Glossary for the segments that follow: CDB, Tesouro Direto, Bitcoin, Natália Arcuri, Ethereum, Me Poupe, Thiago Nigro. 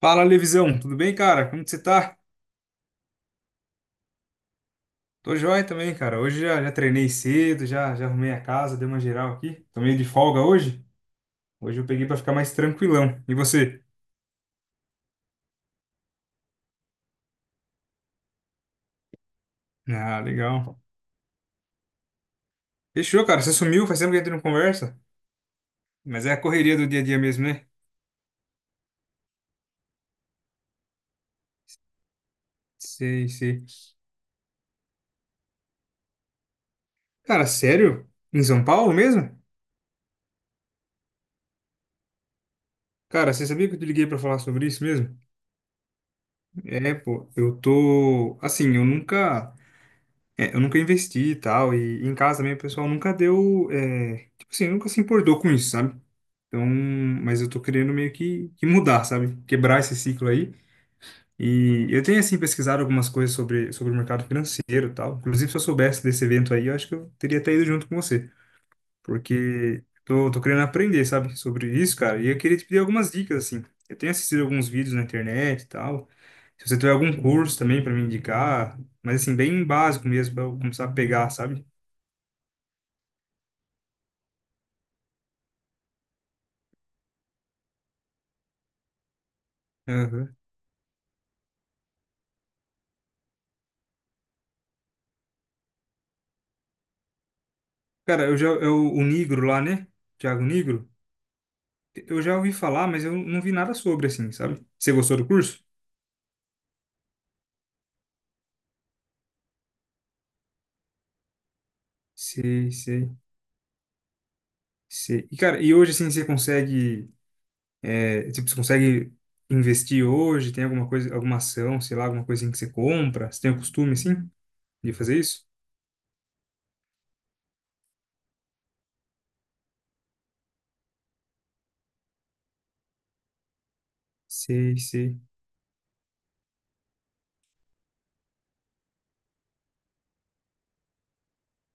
Fala, Levisão, tudo bem, cara? Como que você tá? Tô joia também, cara. Hoje já treinei cedo, já arrumei a casa, dei uma geral aqui. Tô meio de folga hoje. Hoje eu peguei pra ficar mais tranquilão. E você? Ah, legal. Fechou, cara. Você sumiu, faz tempo que a gente não conversa. Mas é a correria do dia a dia mesmo, né? Sei, sei. Cara, sério? Em São Paulo mesmo? Cara, você sabia que eu te liguei pra falar sobre isso mesmo? É, pô, eu tô. Assim, eu nunca. É, eu nunca investi e tal, e em casa também o pessoal nunca deu, é, tipo assim, nunca se importou com isso, sabe? Então, mas eu tô querendo meio que mudar, sabe? Quebrar esse ciclo aí. E eu tenho, assim, pesquisado algumas coisas sobre o mercado financeiro e tal. Inclusive, se eu soubesse desse evento aí, eu acho que eu teria até ido junto com você porque tô querendo aprender, sabe, sobre isso, cara. E eu queria te pedir algumas dicas, assim. Eu tenho assistido alguns vídeos na internet e tal. Se você tiver algum curso também para me indicar, mas assim, bem básico mesmo, para eu começar a pegar, sabe? Aham. Cara, eu, o Nigro lá, né? Thiago Nigro, eu já ouvi falar, mas eu não vi nada sobre, assim, sabe? Você gostou do curso? Sei, sei, sei. E, cara, e hoje, assim, você consegue. É, tipo, você consegue investir hoje? Tem alguma coisa, alguma ação, sei lá, alguma coisinha que você compra? Você tem o costume, assim, de fazer isso? Sei, sei,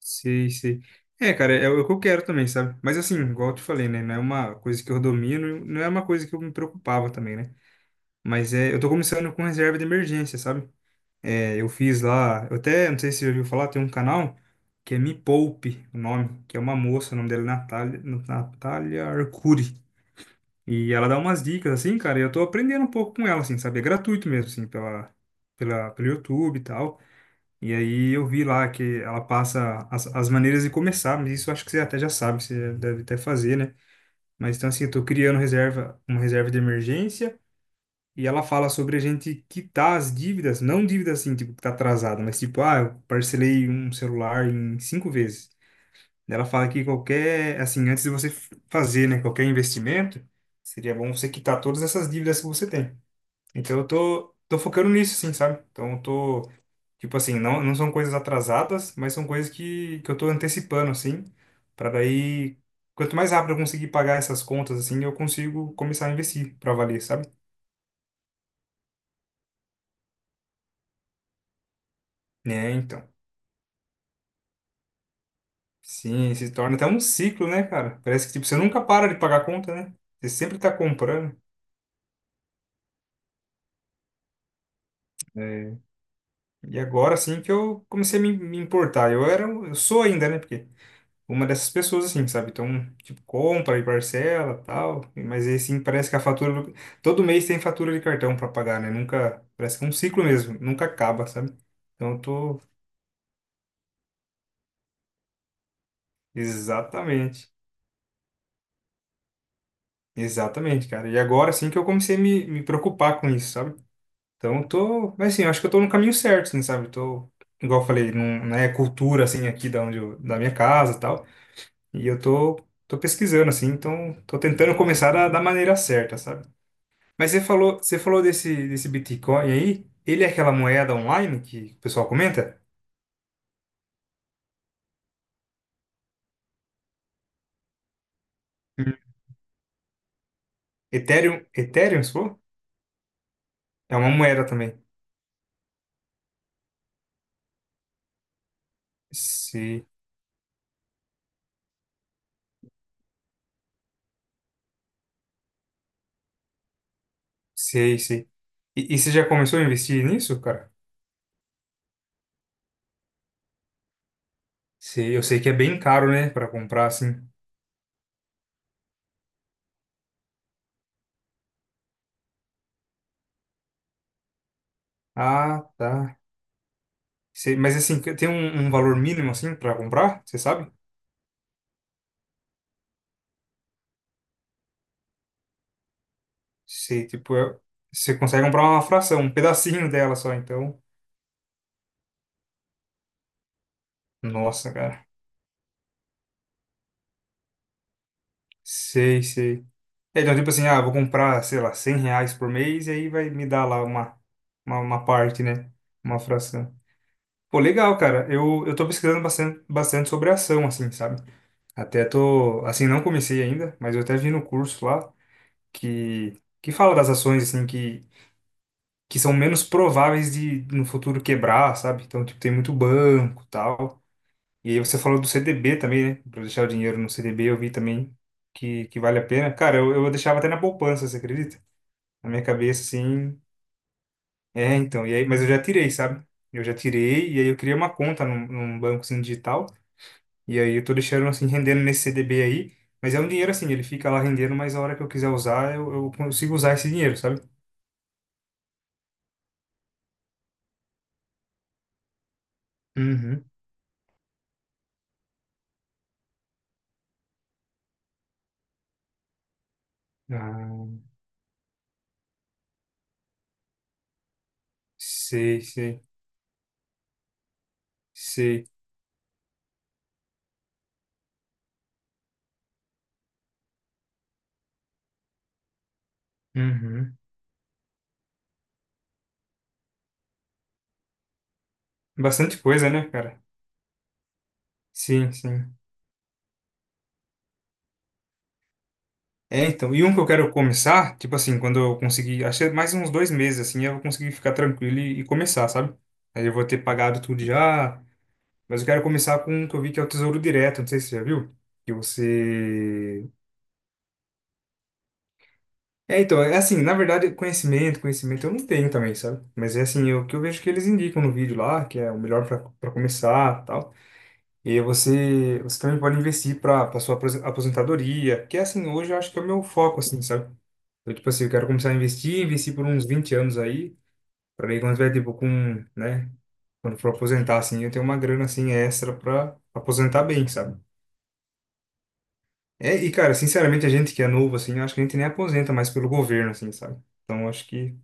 sei, sei. É, cara, é o que eu quero também, sabe? Mas assim, igual eu te falei, né? Não é uma coisa que eu domino, não é uma coisa que eu me preocupava também, né? Mas é, eu tô começando com reserva de emergência, sabe? É, eu fiz lá, eu até, não sei se você já ouviu falar, tem um canal que é Me Poupe, o nome, que é uma moça, o nome dela é Natália, Natália Arcuri. E ela dá umas dicas, assim, cara, e eu tô aprendendo um pouco com ela, assim, sabe? É gratuito mesmo, assim, pelo YouTube e tal. E aí eu vi lá que ela passa as maneiras de começar, mas isso eu acho que você até já sabe, você deve até fazer, né? Mas então, assim, eu tô criando reserva, uma reserva de emergência, e ela fala sobre a gente quitar as dívidas, não dívidas assim, tipo, que tá atrasada, mas tipo, ah, eu parcelei um celular em cinco vezes. Ela fala que qualquer, assim, antes de você fazer, né, qualquer investimento, seria bom você quitar todas essas dívidas que você tem. Então eu tô focando nisso, assim, sabe? Então eu tô, tipo assim, não, não são coisas atrasadas, mas são coisas que eu tô antecipando, assim, para daí, quanto mais rápido eu conseguir pagar essas contas, assim, eu consigo começar a investir para valer, sabe? Né, então. Sim, se torna até um ciclo, né, cara? Parece que, tipo, você nunca para de pagar a conta, né? Você sempre tá comprando. É. E agora sim que eu comecei a me importar. Eu sou ainda, né? Porque uma dessas pessoas, assim, sabe? Então, tipo, compra e parcela tal. Mas aí, assim, parece que a fatura. Todo mês tem fatura de cartão pra pagar, né? Nunca. Parece que é um ciclo mesmo. Nunca acaba, sabe? Então, eu tô. Exatamente. Exatamente, cara. E agora sim que eu comecei a me preocupar com isso, sabe? Então, eu tô. Mas, assim, eu acho que eu tô no caminho certo, assim, sabe? Eu tô. Igual eu falei, não, não é cultura, assim, aqui da minha casa tal. E eu tô pesquisando, assim, então tô tentando começar da maneira certa, sabe? Mas você falou desse Bitcoin aí, ele é aquela moeda online que o pessoal comenta? Hum. Ethereum, Ethereum, você falou? É uma moeda também. Sei, sei, sei. E você já começou a investir nisso, cara? Sei, eu sei que é bem caro, né, para comprar, assim. Ah, tá. Sei, mas assim, tem um, um valor mínimo, assim, para comprar? Você sabe? Sei, tipo, você consegue comprar uma fração, um pedacinho dela só, então. Nossa, cara. Sei, sei. É, então, tipo assim, ah, vou comprar, sei lá, R$ 100 por mês e aí vai me dar lá uma parte, né? Uma fração. Pô, legal, cara. Eu tô pesquisando bastante, bastante sobre ação, assim, sabe? Até tô, assim, não comecei ainda, mas eu até vi no curso lá que fala das ações, assim, que são menos prováveis de no futuro quebrar, sabe? Então, tipo, tem muito banco, tal. E aí você falou do CDB também, né? Pra deixar o dinheiro no CDB, eu vi também que vale a pena. Cara, eu deixava até na poupança, você acredita? Na minha cabeça, assim. É, então. E aí, mas eu já tirei, sabe? Eu já tirei, e aí eu criei uma conta num banco assim, digital. E aí eu tô deixando assim, rendendo nesse CDB aí. Mas é um dinheiro assim, ele fica lá rendendo, mas a hora que eu quiser usar, eu consigo usar esse dinheiro, sabe? Uhum. Ah, sei, sei, sei. Uhum. Bastante coisa, né, cara? Sim, sim. É, então, e um que eu quero começar, tipo assim, quando eu conseguir, acho que é mais uns 2 meses, assim, eu vou conseguir ficar tranquilo e começar, sabe? Aí eu vou ter pagado tudo já, mas eu quero começar com um que eu vi que é o Tesouro Direto, não sei se você já viu, que você... É, então, é assim, na verdade, conhecimento, conhecimento eu não tenho também, sabe? Mas é assim, o que eu vejo que eles indicam no vídeo lá, que é o melhor para começar, tal. E aí você também pode investir para sua aposentadoria, que é assim, hoje eu acho que é o meu foco, assim, sabe? Então, tipo assim, eu quero começar a investir por uns 20 anos aí, para daí quando tiver, tipo, com, né, quando for aposentar, assim, eu tenho uma grana, assim, extra para aposentar bem, sabe? É, e, cara, sinceramente, a gente que é novo, assim, eu acho que a gente nem aposenta mais pelo governo, assim, sabe? Então, eu acho que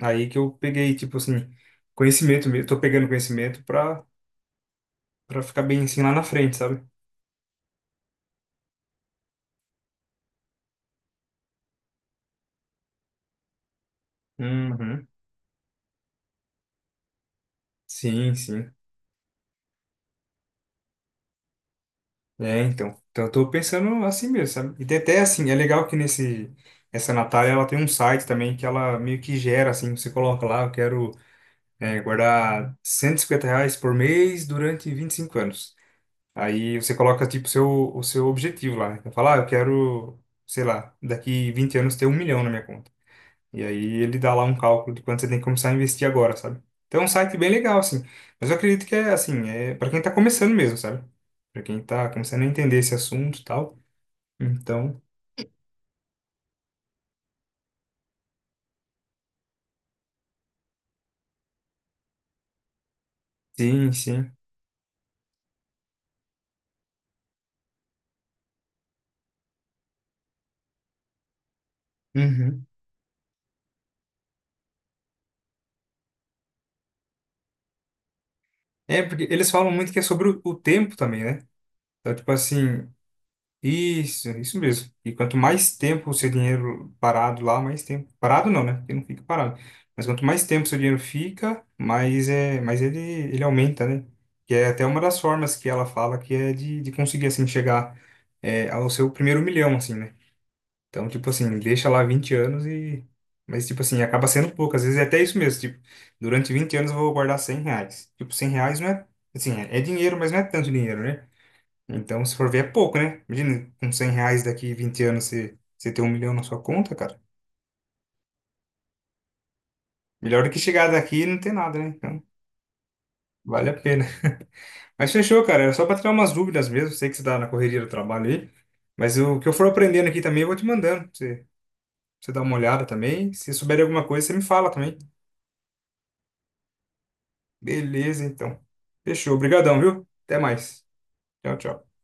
aí que eu peguei, tipo assim, conhecimento mesmo, tô pegando conhecimento para ficar bem, assim, lá na frente, sabe? Uhum. Sim, sim. É, então. Então, eu tô pensando assim mesmo, sabe? E tem até assim, é legal que nesse. Essa Natália, ela tem um site também que ela meio que gera, assim, você coloca lá, eu quero é, guardar R$ 150 por mês durante 25 anos. Aí você coloca, tipo, o seu objetivo lá, né? Fala, ah, eu quero, sei lá, daqui 20 anos ter 1 milhão na minha conta. E aí ele dá lá um cálculo de quanto você tem que começar a investir agora, sabe? Então é um site bem legal, assim. Mas eu acredito que é, assim, é para quem tá começando mesmo, sabe? Para quem tá começando a entender esse assunto e tal. Então, sim, sim. Uhum. É, porque eles falam muito que é sobre o tempo também, né? Então, tipo assim, isso, é isso mesmo. E quanto mais tempo o seu dinheiro parado lá, mais tempo. Parado não, né? Porque não fica parado. Mas quanto mais tempo o seu dinheiro fica, mais, é, mais ele aumenta, né? Que é até uma das formas que ela fala que é de conseguir, assim, chegar ao seu primeiro milhão, assim, né? Então, tipo assim, deixa lá 20 anos e. Mas, tipo assim, acaba sendo pouco. Às vezes é até isso mesmo. Tipo, durante 20 anos eu vou guardar R$ 100. Tipo, R$ 100 não é. Assim, é dinheiro, mas não é tanto dinheiro, né? Então, se for ver, é pouco, né? Imagina, com R$ 100 daqui 20 anos você ter 1 milhão na sua conta, cara. Melhor do que chegar daqui e não ter nada, né? Então, vale a pena. Mas fechou, cara. Era só pra tirar umas dúvidas mesmo. Sei que você tá na correria do trabalho aí. Mas o que eu for aprendendo aqui também, eu vou te mandando pra você, pra você dá uma olhada também. Se souber de alguma coisa, você me fala também. Beleza, então. Fechou. Obrigadão, viu? Até mais. Tchau, tchau.